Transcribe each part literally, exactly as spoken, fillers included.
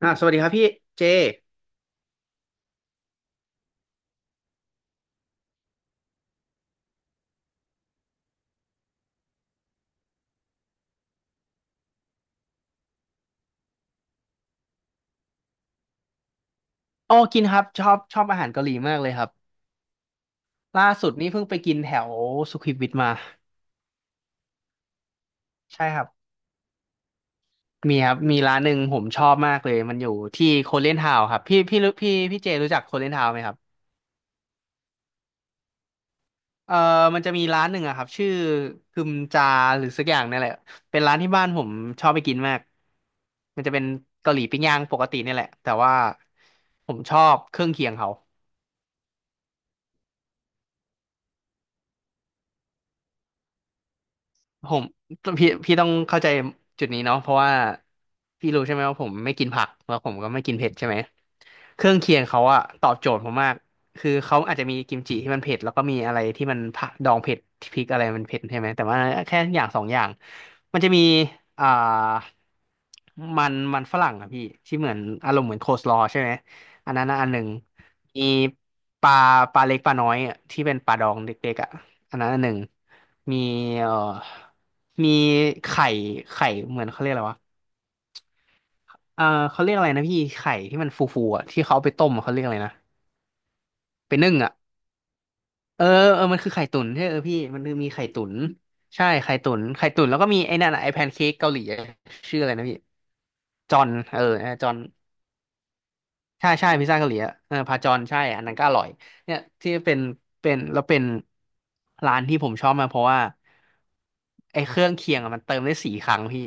อ่าสวัสดีครับพี่เจอ๋อกินครับชอบชอบอาหารเกาหลีมากเลยครับล่าสุดนี่เพิ่งไปกินแถวสุขุมวิทมาใช่ครับมีครับมีร้านหนึ่งผมชอบมากเลยมันอยู่ที่โคเรียนทาวน์ครับพี่พี่รู้พี่พี่เจรู้จักโคเรียนทาวน์ไหมครับเออมันจะมีร้านหนึ่งอะครับชื่อคึมจาหรือสักอย่างนี่แหละเป็นร้านที่บ้านผมชอบไปกินมาก มันจะเป็นเกาหลีปิ้งย่างปกตินี่แหละแต่ว่าผมชอบเครื่องเคียงเขา ผมพี่พี่ต้องเข้าใจจุดนี้เนาะเพราะว่าพี่รู้ใช่ไหมว่าผมไม่กินผักแล้วผมก็ไม่กินเผ็ดใช่ไหมเครื่องเคียงเขาอะตอบโจทย์ผมมากคือเขาอาจจะมีกิมจิที่มันเผ็ดแล้วก็มีอะไรที่มันผักดองเผ็ดที่พริกอะไรมันเผ็ดใช่ไหมแต่ว่าแค่อย่างสองอย่างมันจะมีอ่ามันมันฝรั่งอะพี่ที่เหมือนอารมณ์เหมือนโคสลอว์ใช่ไหมอันนั้นนะอันหนึ่งมีปลาปลาเล็กปลาน้อยอะที่เป็นปลาดองเด็กๆอะอันนั้นอันหนึ่ง มีเอ่อมีไข่ไข่เหมือนเขาเรียกอะไรวะเออเขาเรียกอะไรนะพี่ไข่ที่มันฟูๆอ่ะที่เขาเอาไปต้มอะเขาเรียกอะไรนะไปนึ่งอ่ะเออเออมันคือไข่ตุ๋นใช่เออพี่มันคือมีไข่ตุ๋นใช่ไข่ตุ๋นไข่ตุ๋นแล้วก็มีไอ้นั่นอะไอ้แพนเค้กเกาหลีอะชื่ออะไรนะพี่จอนเออเออจอนใช่ใช่พิซซ่าเกาหลีอะเออพาจอนใช่อันนั้นก็อร่อยเนี่ยที่เป็นเป็นแล้วเป็นร้านที่ผมชอบมากเพราะว่าไอ้เครื่องเคียงอะมันเติมได้สี่ครั้งพี่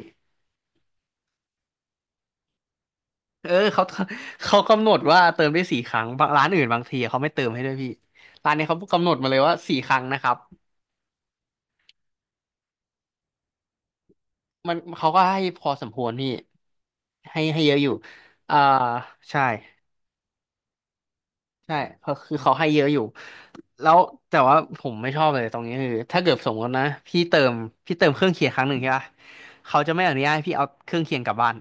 เออเขา เขากำหนดว่าเติมได้สี่ครั้งบางร้านอื่นบางทีเขาไม่เติมให้ด้วยพี่ร้านนี้เขากำหนดมาเลยว่าสี่ครั้งนะครับมันเขาก็ให้พอสมควรพี่ให้ให้เยอะอยู่อ่าใช่ใช่เพราะคือเขาให้เยอะอยู่แล้วแต่ว่าผมไม่ชอบเลยตรงนี้คือถ้าเกิดสมมตินะพี่เติมพี่เติมเครื่องเคียงครั้งหนึ่งใช่ปะเขาจะไม่อนุญาตให้พี่เอาเครื่องเคียงกลับบ้าน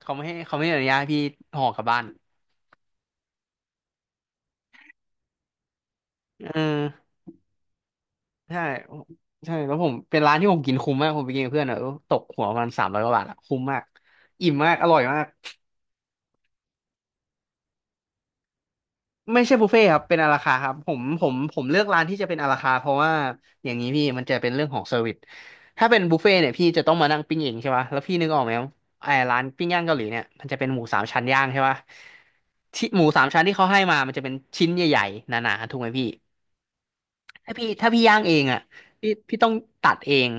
เขาไม่ให้เขาไม่อนุญาตให้พี่ห่อกลับบ้านเออ ใช่ใช่แล้วผมเป็นร้านที่ผมกินคุ้มมากผมไปกินกับเพื่อนอะเออตกหัวประมัณสามร้อยกว่าบาทอะคุ้มมากอิ่มมากอร่อยมากไม่ใช่บุฟเฟ่ต์ครับเป็นอาราคาร์ทครับผมผมผมเลือกร้านที่จะเป็นอาราคาร์ทเพราะว่าอย่างนี้พี่มันจะเป็นเรื่องของเซอร์วิสถ้าเป็นบุฟเฟ่ต์เนี่ยพี่จะต้องมานั่งปิ้งเองใช่ปะแล้วพี่นึกออกไหมไอ้ร้านปิ้งย่างเกาหลีเนี่ยมันจะเป็นหมูสามชั้นย่างใช่ปะที่หมูสามชั้นที่เขาให้มามันจะเป็นชิ้นใหญ่ๆหนาๆถูกไหมพี่ ถ้าพี่ถ้าพี่ย่างเองอ่ะพี่พี่ต้องตัดเอง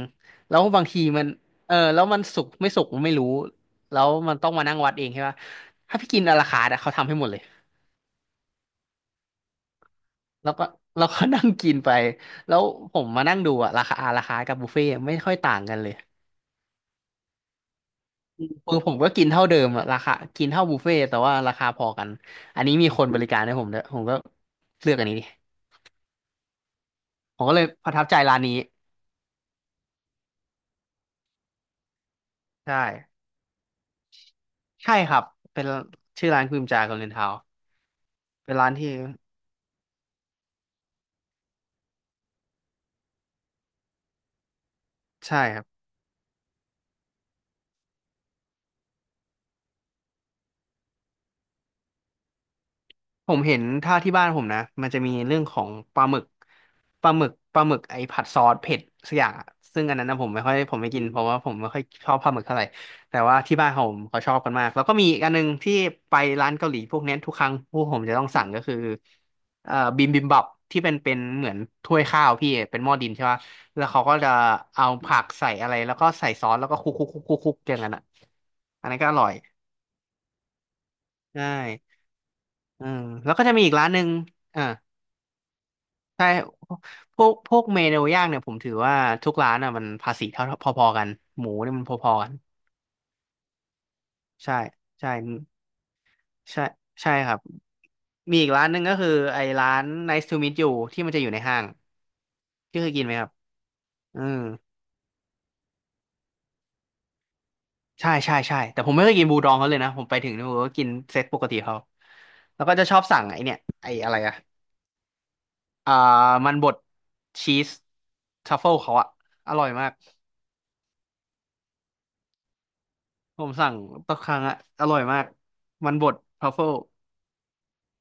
แล้วบางทีมันเออแล้วมันสุกไม่สุกไม่รู้แล้วมันต้องมานั่งวัดเองใช่ปะถ้าพี่กินอะราคาร์ทอะเขาทำให้หมดเลยแล้วก็เราก็นั่งกินไปแล้วผมมานั่งดูอะราคาอราคา์กับบุฟเฟ่ต์ไม่ค่อยต่างกันเลยคือผมก็กินเท่าเดิมอะราคากินเท่าบุฟเฟ่ต์แต่ว่าราคาพอกันอันนี้มีคนบริการให้ผมด้วยผมก็เลือกอันนี้ดิผมก็เลยประทับใจร้านนี้ใช่ใช่ครับเป็นชื่อร้านพิมจากับเรนทาวเป็นร้านที่ ใช่ครับผมเห็นถ้าที่บ้านผมนะมันจะมีเรื่องของปลาหมึกปลาหมึกปลาหมึกไอ้ผัดซอสเผ็ดสักอย่างอะซึ่งอันนั้นนะผมไม่ค่อยผมไม่กินเพราะว่าผมไม่ค่อยชอบปลาหมึกเท่าไหร่แต่ว่าที่บ้านผมเขาชอบกันมากแล้วก็มีอีกอันหนึงที่ไปร้านเกาหลีพวกเนี้ยทุกครั้งพวกผมจะต้องสั่งก็คือเอ่อบิมบิมบับที่เป็นเป็นเหมือนถ้วยข้าวพี่เป็นหม้อดินใช่ปะแล้วเขาก็จะเอาผักใส่อะไรแล้วก็ใส่ซอสแล้วก็คลุกคลุกคลุกคลุกคลุกอย่างนั้นอ่ะอันนั้นก็อร่อยใช่อืมแล้วก็จะมีอีกร้านหนึ่งอ่า ใช่ พวกพวกเมนูย่างเนี่ยผมถือว่าทุกร้านอ่ะมันภาษีเท่าพอๆกันหมูเนี่ยมันพอๆกันใช่ใช่ใช่ใช่ครับมีอีกร้านหนึ่งก็คือไอ้ร้าน ไนซ์ ทู มีท you ที่มันจะอยู่ในห้างที่เคยกินไหมครับอืมใช่ใช่ใช่แต่ผมไม่เคยกินบูดองเขาเลยนะผมไปถึงเนี่ยผมก็กินเซตปกติเขาแล้วก็จะชอบสั่งไอ้เนี่ยไอ้อะไรอะอ่ามันบดชีสทัฟเฟิลเขาอะอร่อยมากผมสั่งทุกครั้งอะอร่อยมากมันบดทัฟเฟิล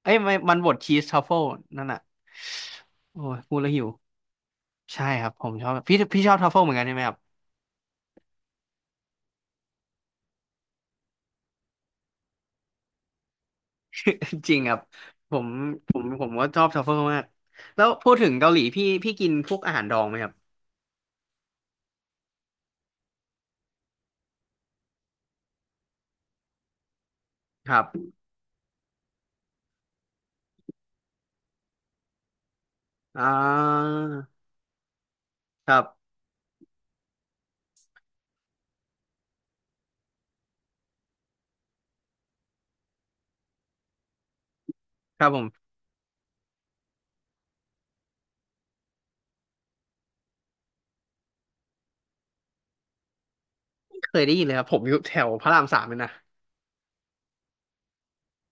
เอ้ยไม่มันบดชีสทรัฟเฟิลนั่นน่ะโอ้ยพูดแล้วหิวใช่ครับผมชอบพี่พี่ชอบทรัฟเฟิลเหมือนกันใช่ไหมครับ จริงครับผมผมผมก็ชอบทรัฟเฟิลมากแล้วพูดถึงเกาหลีพี่พี่กินพวกอาหารดองไหมครับครับอ่าครับครับผมไม่เคยได้ยินเลยครับผมอยู่แถวพระรามสามเลยนะ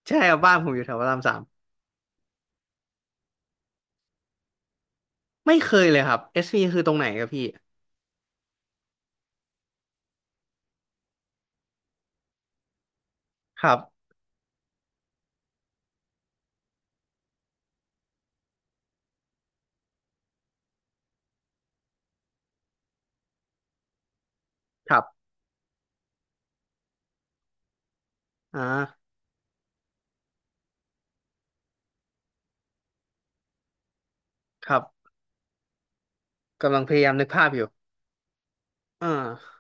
ใช่ครับบ้านผมอยู่แถวพระรามสามไม่เคยเลยครับเอสพีคือตรงไหนครับพี่ครับครับอ่าครับกำลังพยายามนึกภาพอยู่อ่า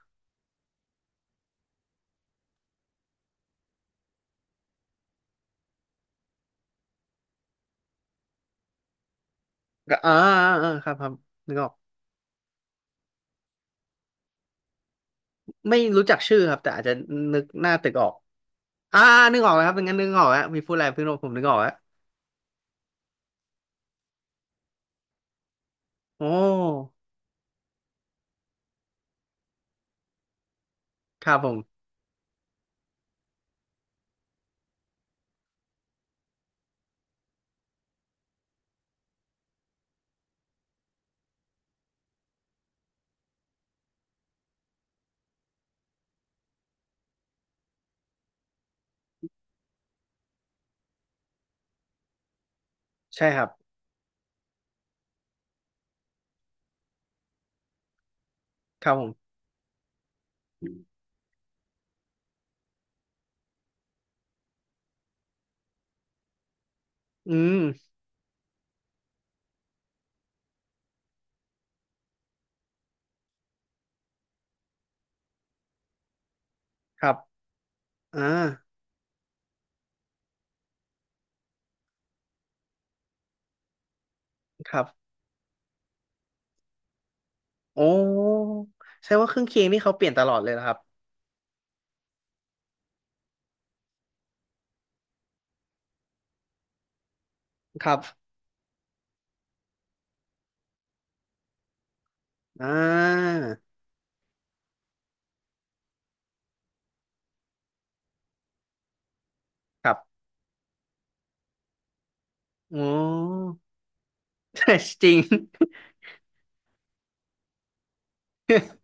ก็อ่าอ่าอ่าครับครับนึกออก ไม่รู้จักชื่อครับแต่อาจจะนึกหน้าตึกออกอ่านึกออกแล้วครับเป็นงั้นนึกออกแล้วมีพูดอะไรเพิ่งรู้ผมนึกออกแล้วโอ้ครับผมใช่ครับครับผมอืมครับอ่าครับโอ้แสดงว่าเครื่องเคียงนี่เขาเปลี่ยนตลอดเลยนะครับครับอ่าครับโอ้ ใช่จริง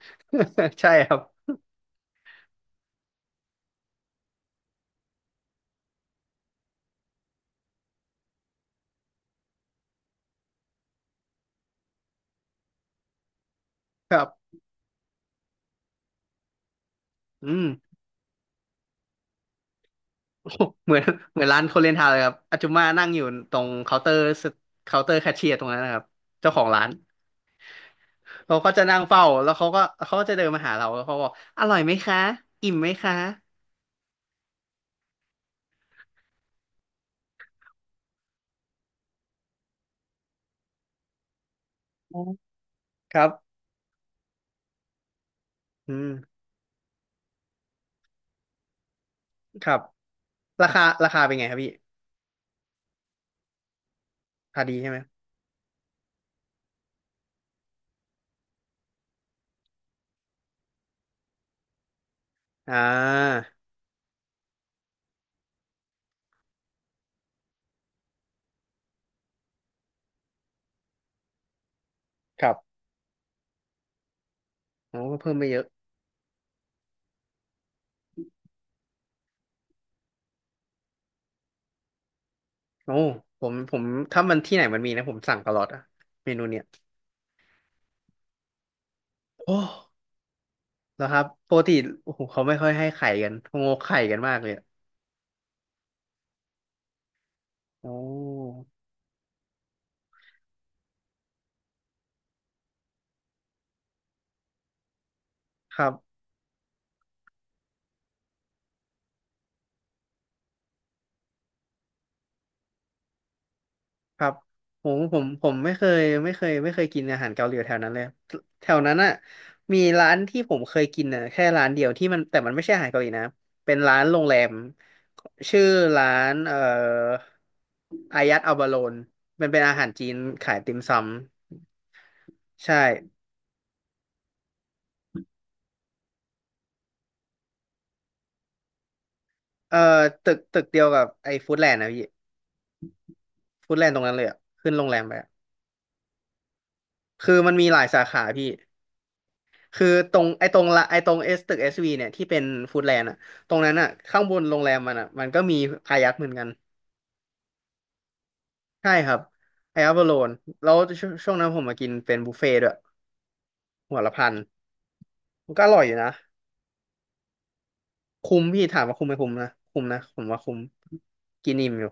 ใช่ครับครับอืม โอ้เหมือนเหมือนร้านโคเรียนทาวน์เลยครับอาจุมานั่งอยู่ตรงเคาน์เตอร์เคาน์เตอร์แคชเชียร์ตรงนั้นนะครับเจ้าของร้าน เขาก็จะนั่งเฝ้าแล้วเขาก็เขาก็จะเดินมาหาเราแล้วเขาบอกอร่อยไหมคะอิ่มไหมคะอ๋อครับอืมครับราคาราคาเป็นไงครับพี่พอดีใช่ไหมอ่าครับโอ้ก็เพิ่มไปเยอะโอ้ผมผมถ้ามันที่ไหนมันมีนะผมสั่งตลอดอะเมนูเนี้ยโอ้แล้วครับปกติโอ้โหเขาไม่ค่อยให้ไข่กันเขางกไข่กันมากเลยอะโอ้ครับ ครับผมผมผมไม่เคยไม่เคยไม่เคยกินอาหารเกาหลีแถวนั้นเลยแถวนั้นอ่ะมีร้านที่ผมเคยกินอ่ะแค่ร้านเดียวที่มันแต่มันไม่ใช่อาหารเกาหลีนะเป็นร้านโรงแรมชื่อร้านเอ่ออายัดอัลบาโลนมันเป็นอาหารจีนขายติ่มซำใช่เอ่อตึกตึกเดียวกับไอ้ฟู้ดแลนด์นะพี่ฟู้ดแลนด์ตรงนั้นเลยอ่ะขึ้นโรงแรมไปอะคือมันมีหลายสาขาพี่ คือตรงไอ้ตรงละไอ้ตรงเอสตึกเอสวีเนี่ยที่เป็นฟู้ดแลนด์อ่ะตรงนั้นอ่ะข้างบนโรงแรมมันอ่ะมันก็มีอายัดเหมือนกันใช่ครับไอายัดบอลนแล้วชช่วงนั้นผมมากินเป็นบุฟเฟ่ต์ด้วยหัวละพันมันก็อร่อยอยู่นะคุ้มพี่ถามว่าคุ้มไหมคุ้มนะคุ้มนะผมว่าคุ้มกินอิ่มอยู่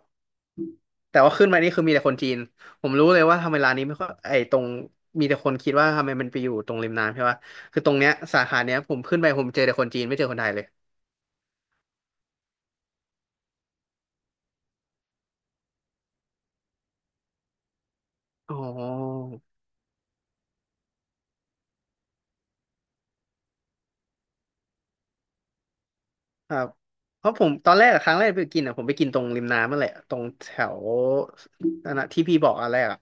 แต่ว่าขึ้นมานี่คือมีแต่คนจีนผมรู้เลยว่าทำไมร้านนี้ไม่ค่อยไอ้ตรงมีแต่คนคิดว่าทำไมมันไปอยู่ตรงริมน้ำใช่ปะคือตรงเนี้ยสาขาเนี้ยผมขึ้นไปผมเจอแต่คนจีนไม่เจอคนไทยเลยอ๋อ ครับเพราะผมตอนแรกอะครั้งแรกไปกินอ่ะผมไปกินตรงริมน้ำนั่นแหละตรงแถวนั่นนะที่พี่บอกอันแรกอ่ะ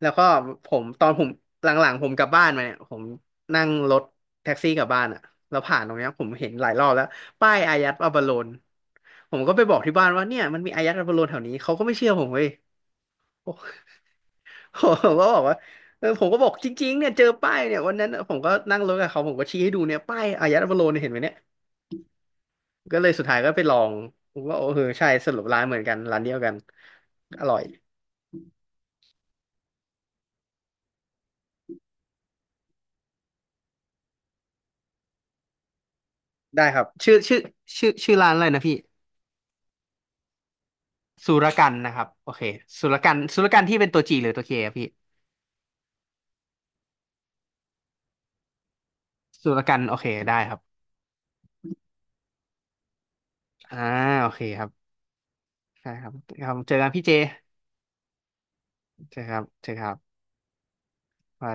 แล้วก็ผมตอนผมหลังๆผมกลับบ้านมาเนี่ยผมนั่งรถแท็กซี่กลับบ้านอ่ะแล้วผ่านตรงเนี้ยผมเห็นหลายรอบแล้วป้ายอายัดอัปโลนผมก็ไปบอกที่บ้านว่าเนี่ยมันมีอายัดอัปโลนแถวนี้เขาก็ไม่เชื่อผมเว้ยผมผมก็บอกว่าเออผมก็บอกจริงๆเนี่ยเจอป้ายเนี่ยวันนั้นอะผมก็นั่งรถกับเขาผมก็ชี้ให้ดูเนี่ยป้ายอายัดอัปโลนเนี่ยเห็นไหมเนี่ย ก็เลยสุดท้ายก็ไปลองผมว่าโอ้เออใช่สรุปร้านเหมือนกันร้านเดียวกันอร่อยได้ครับชื่อชื่อชื่อชื่อร้านอะไรนะพี่สุรกันนะครับโอเคสุรกันสุรกันที่เป็นตัวจีหรือตัวเคอะพี่สุรกันโอเคได้ครับอ่าโอเคครับใช่ครับครับเจอกันพี่เจเจอครับเจอครับ